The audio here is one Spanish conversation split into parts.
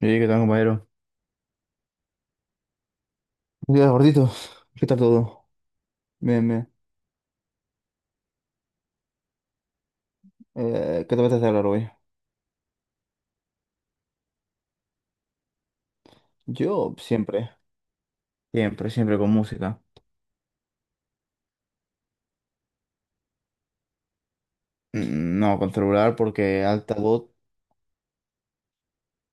Oye, ¿qué tal, compañero? Buenos días, gordito. ¿Qué tal todo? Bien, bien. ¿Qué te apetece hablar hoy? Yo siempre, siempre, siempre con música. Mm, no, con celular porque altavoz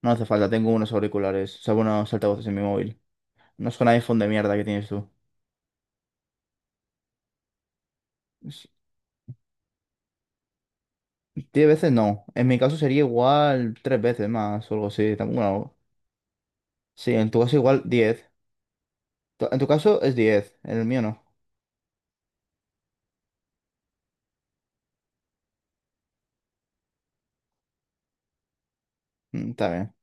no hace falta. Tengo unos auriculares, o sea, unos altavoces en mi móvil. No son iPhone de mierda que tienes tú. Es- Diez veces no. En mi caso sería igual tres veces más o algo así. Bueno, sí, en tu caso igual diez. En tu caso es diez, en el mío no. Está bien.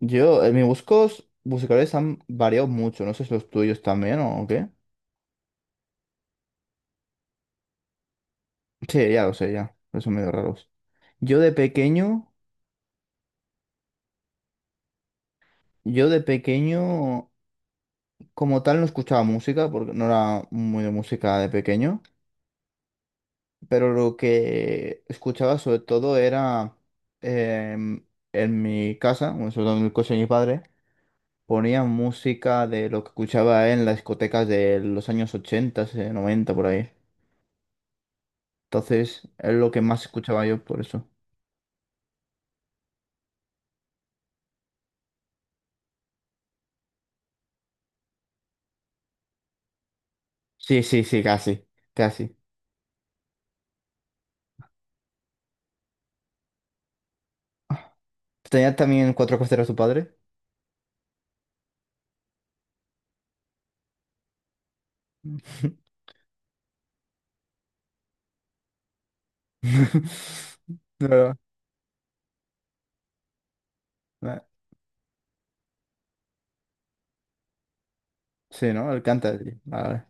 Mis buscos musicales han variado mucho. No sé si los tuyos también o qué. Sí, ya lo sé, ya. Pero son medio raros. Yo de pequeño, yo de pequeño, como tal, no escuchaba música, porque no era muy de música de pequeño. Pero lo que escuchaba sobre todo era em, en mi casa, bueno, sobre todo en el coche de mi padre, ponía música de lo que escuchaba en las discotecas de los años 80 90, por ahí. Entonces, es lo que más escuchaba yo por eso. Sí, sí, sí, casi, casi. ¿Tenía también cuatro costeros su padre? Pero, eh, sí, ¿no? Él canta. Sí. Vale.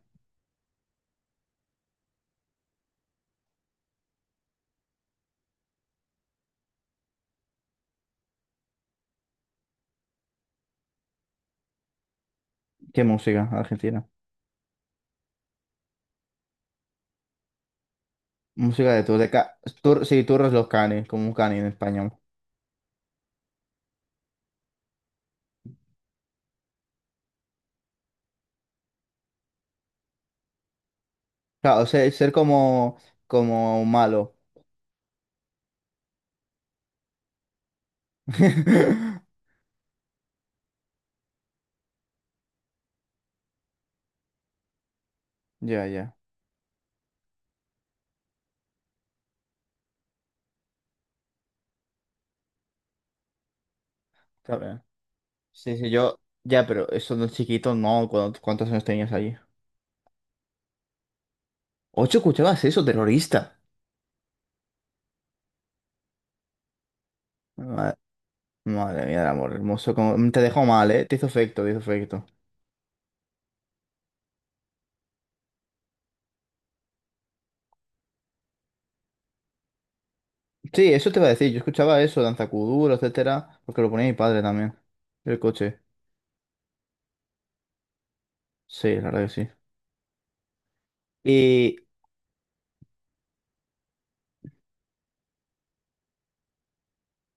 ¿Qué música argentina? Música de tour, de ca tour sí, Turros los Canes, como un cani en español. Claro, ser como, malo. Ya, ya. Está bien. Sí, sí, yo. Ya, pero eso de chiquito, no. ¿Cuántos años tenías allí? ¿8 escuchabas eso, terrorista? Ah, madre mía, el amor hermoso. Te dejó mal, ¿eh? Te hizo efecto, te hizo efecto. Sí, eso te iba a decir. Yo escuchaba eso, Danza Kuduro, etcétera, porque lo ponía mi padre también. El coche. Sí, la verdad que sí. Y,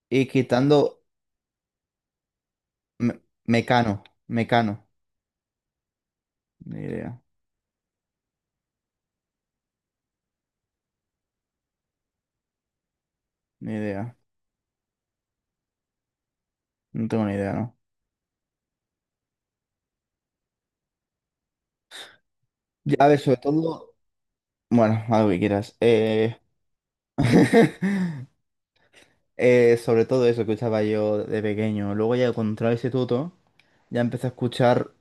y quitando Mecano, Mecano. Ni idea, ni idea. No tengo ni idea, ¿no? Ya, a ver, sobre todo. Bueno, algo que quieras. Sobre todo eso que escuchaba yo de pequeño. Luego ya cuando entré al instituto, ya empecé a escuchar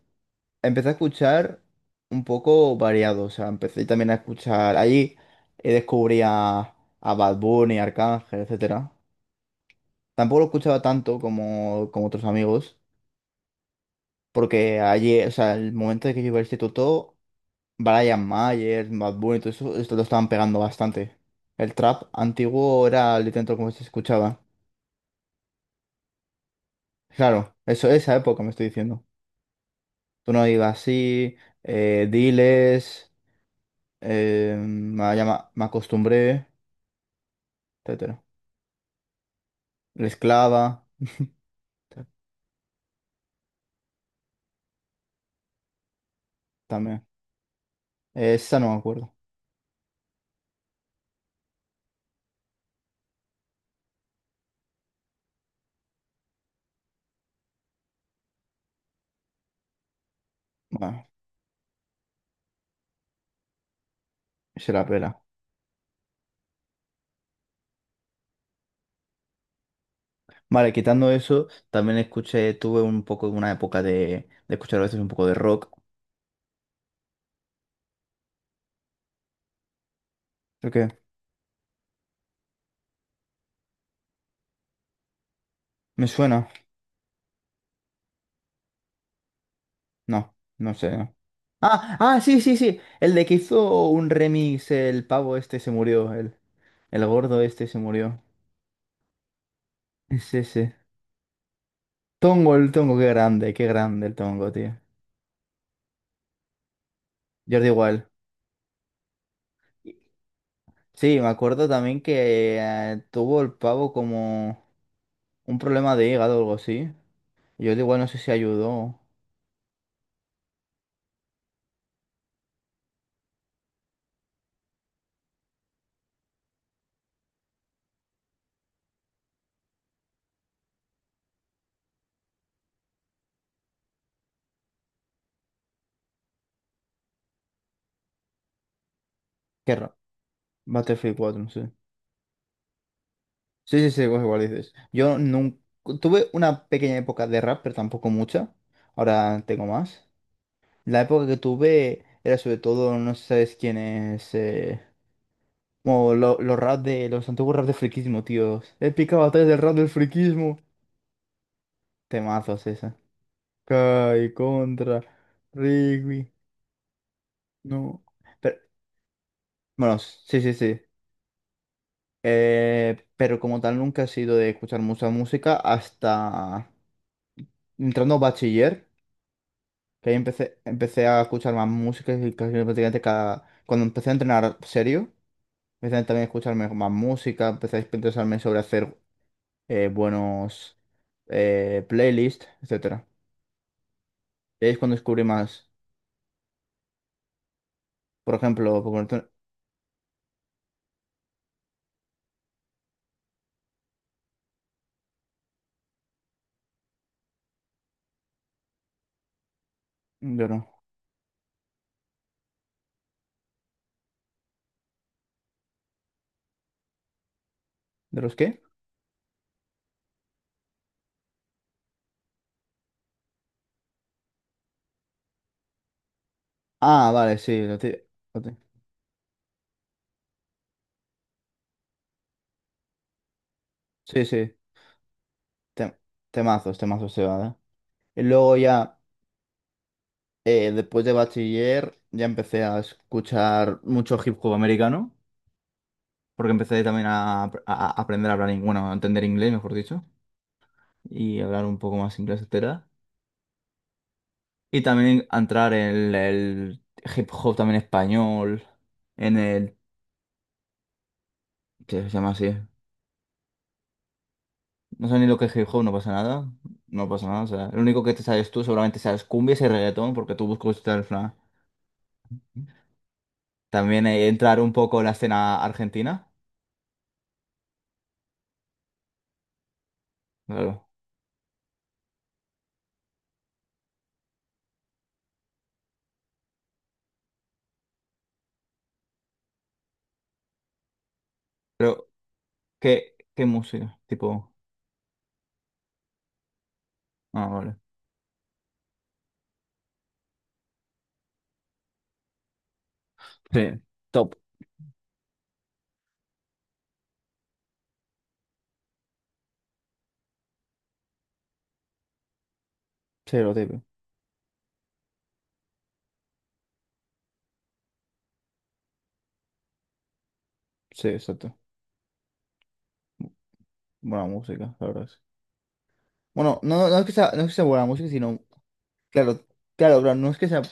empecé a escuchar un poco variado, o sea, empecé también a escuchar, allí descubrí a Bad Bunny, Arcángel, etcétera. Tampoco lo escuchaba tanto como otros amigos, porque allí, o sea, el momento de que yo iba al instituto, Brian Mayer, Bad Bunny, todo eso, esto lo estaban pegando bastante. El trap antiguo era literalmente como se escuchaba. Claro, eso, esa época me estoy diciendo. Tú no ibas así, diles, me acostumbré, etcétera. La esclava, ta- también. Esa no me acuerdo. Bueno, se la pela. Vale, quitando eso, también escuché, tuve un poco, una época de escuchar a veces un poco de rock. ¿Por qué? ¿Me suena? No, no sé. No. Ah, ah, sí, sí, sí. El de que hizo un remix, el pavo este se murió, el gordo este se murió. Es ese. Tongo, el Tongo, qué grande el Tongo, tío. Jordi igual. Sí, me acuerdo también que tuvo el pavo como... Un problema de hígado o algo así. Yo de igual no sé si ayudó. Qué raro. Battlefield 4 no sé. Sí, sí, sí, igual igual dices. Yo nunca... Tuve una pequeña época de rap, pero tampoco mucha. Ahora tengo más. La época que tuve era sobre todo, no sé si sabes quién es... los rap de... Los antiguos rap de friquismo, tíos. Épica batalla del rap del friquismo. Temazos esa. Kai contra Rigby. No. Pero, bueno, sí, sí, sí. Pero como tal nunca he sido de escuchar mucha música hasta entrando a bachiller, que ahí empecé a escuchar más música y casi prácticamente cada... Cuando empecé a entrenar serio, empecé también a escuchar más música, empecé a interesarme sobre hacer buenos playlists, etcétera. Y ahí es cuando descubrí más, por ejemplo, yo no. ¿De los qué? Ah, vale, sí, lo ti- sí, sí, te- temazos, temazos se va, ¿eh? Y luego ya... después de bachiller ya empecé a escuchar mucho hip hop americano, porque empecé también a aprender a hablar, bueno, a entender inglés, mejor dicho, y hablar un poco más inglés, etcétera. Y también a entrar en el hip hop también español, en el... ¿Qué se llama así? No sé ni lo que es hip hop, no pasa nada. No pasa nada, o sea, lo único que te sabes tú seguramente sabes cumbias y reggaetón, porque tú buscas el flan también entrar un poco en la escena argentina, claro. ¿Qué música? Tipo, ah, vale. Sí, top. Sí, lo típico. Sí, exacto. Buena música, la verdad. Sí. Bueno, no, no es que sea, no es que sea, buena música, sino, claro, claro, claro, no es que sea,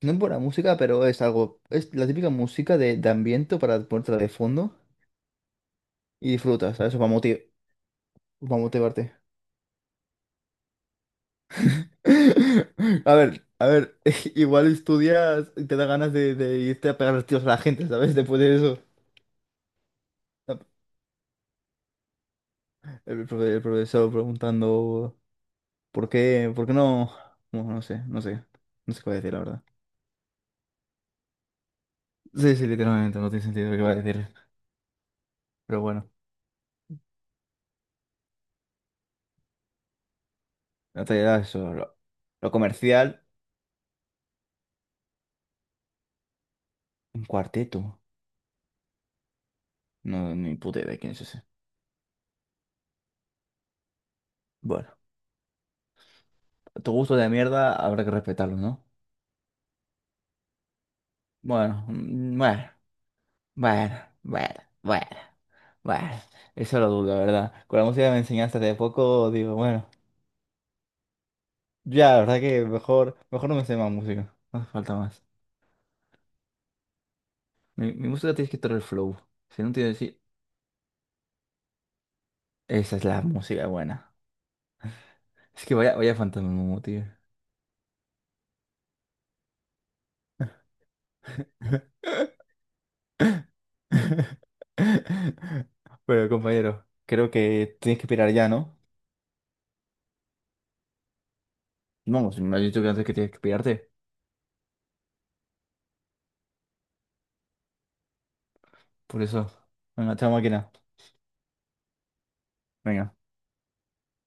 no es buena música, pero es algo, es la típica música de ambiente para ponerte de fondo y disfrutas, ¿sabes? Para motivarte. A ver, igual estudias y te da ganas de irte a pegar los tiros a la gente, ¿sabes? Después de eso. El profesor preguntando. ¿Por qué no? No, no sé, no sé. No sé qué voy a decir, la verdad. Sí, sí, literalmente, no tiene sentido lo que voy a decir. Pero bueno, no te dirá eso. Lo comercial, un cuarteto. No, ni puta idea de quién es ese. Bueno, tu gusto de mierda habrá que respetarlo, ¿no? Bueno, bueno, bueno, bueno, bueno, bueno. Eso lo dudo, la verdad. Con la música que me enseñaste hace poco, digo, bueno, ya, la verdad que mejor, mejor no me sé más música. No hace falta más. Mi música tienes que tener el flow. Si no tienes si, Esa es la música buena. Es que vaya, vaya fantasma, Momo, tío. Pero compañero, creo que tienes que pirar ya, ¿no? Vamos, me has dicho que antes que tienes que pirarte. Por eso, venga, chao máquina. Venga.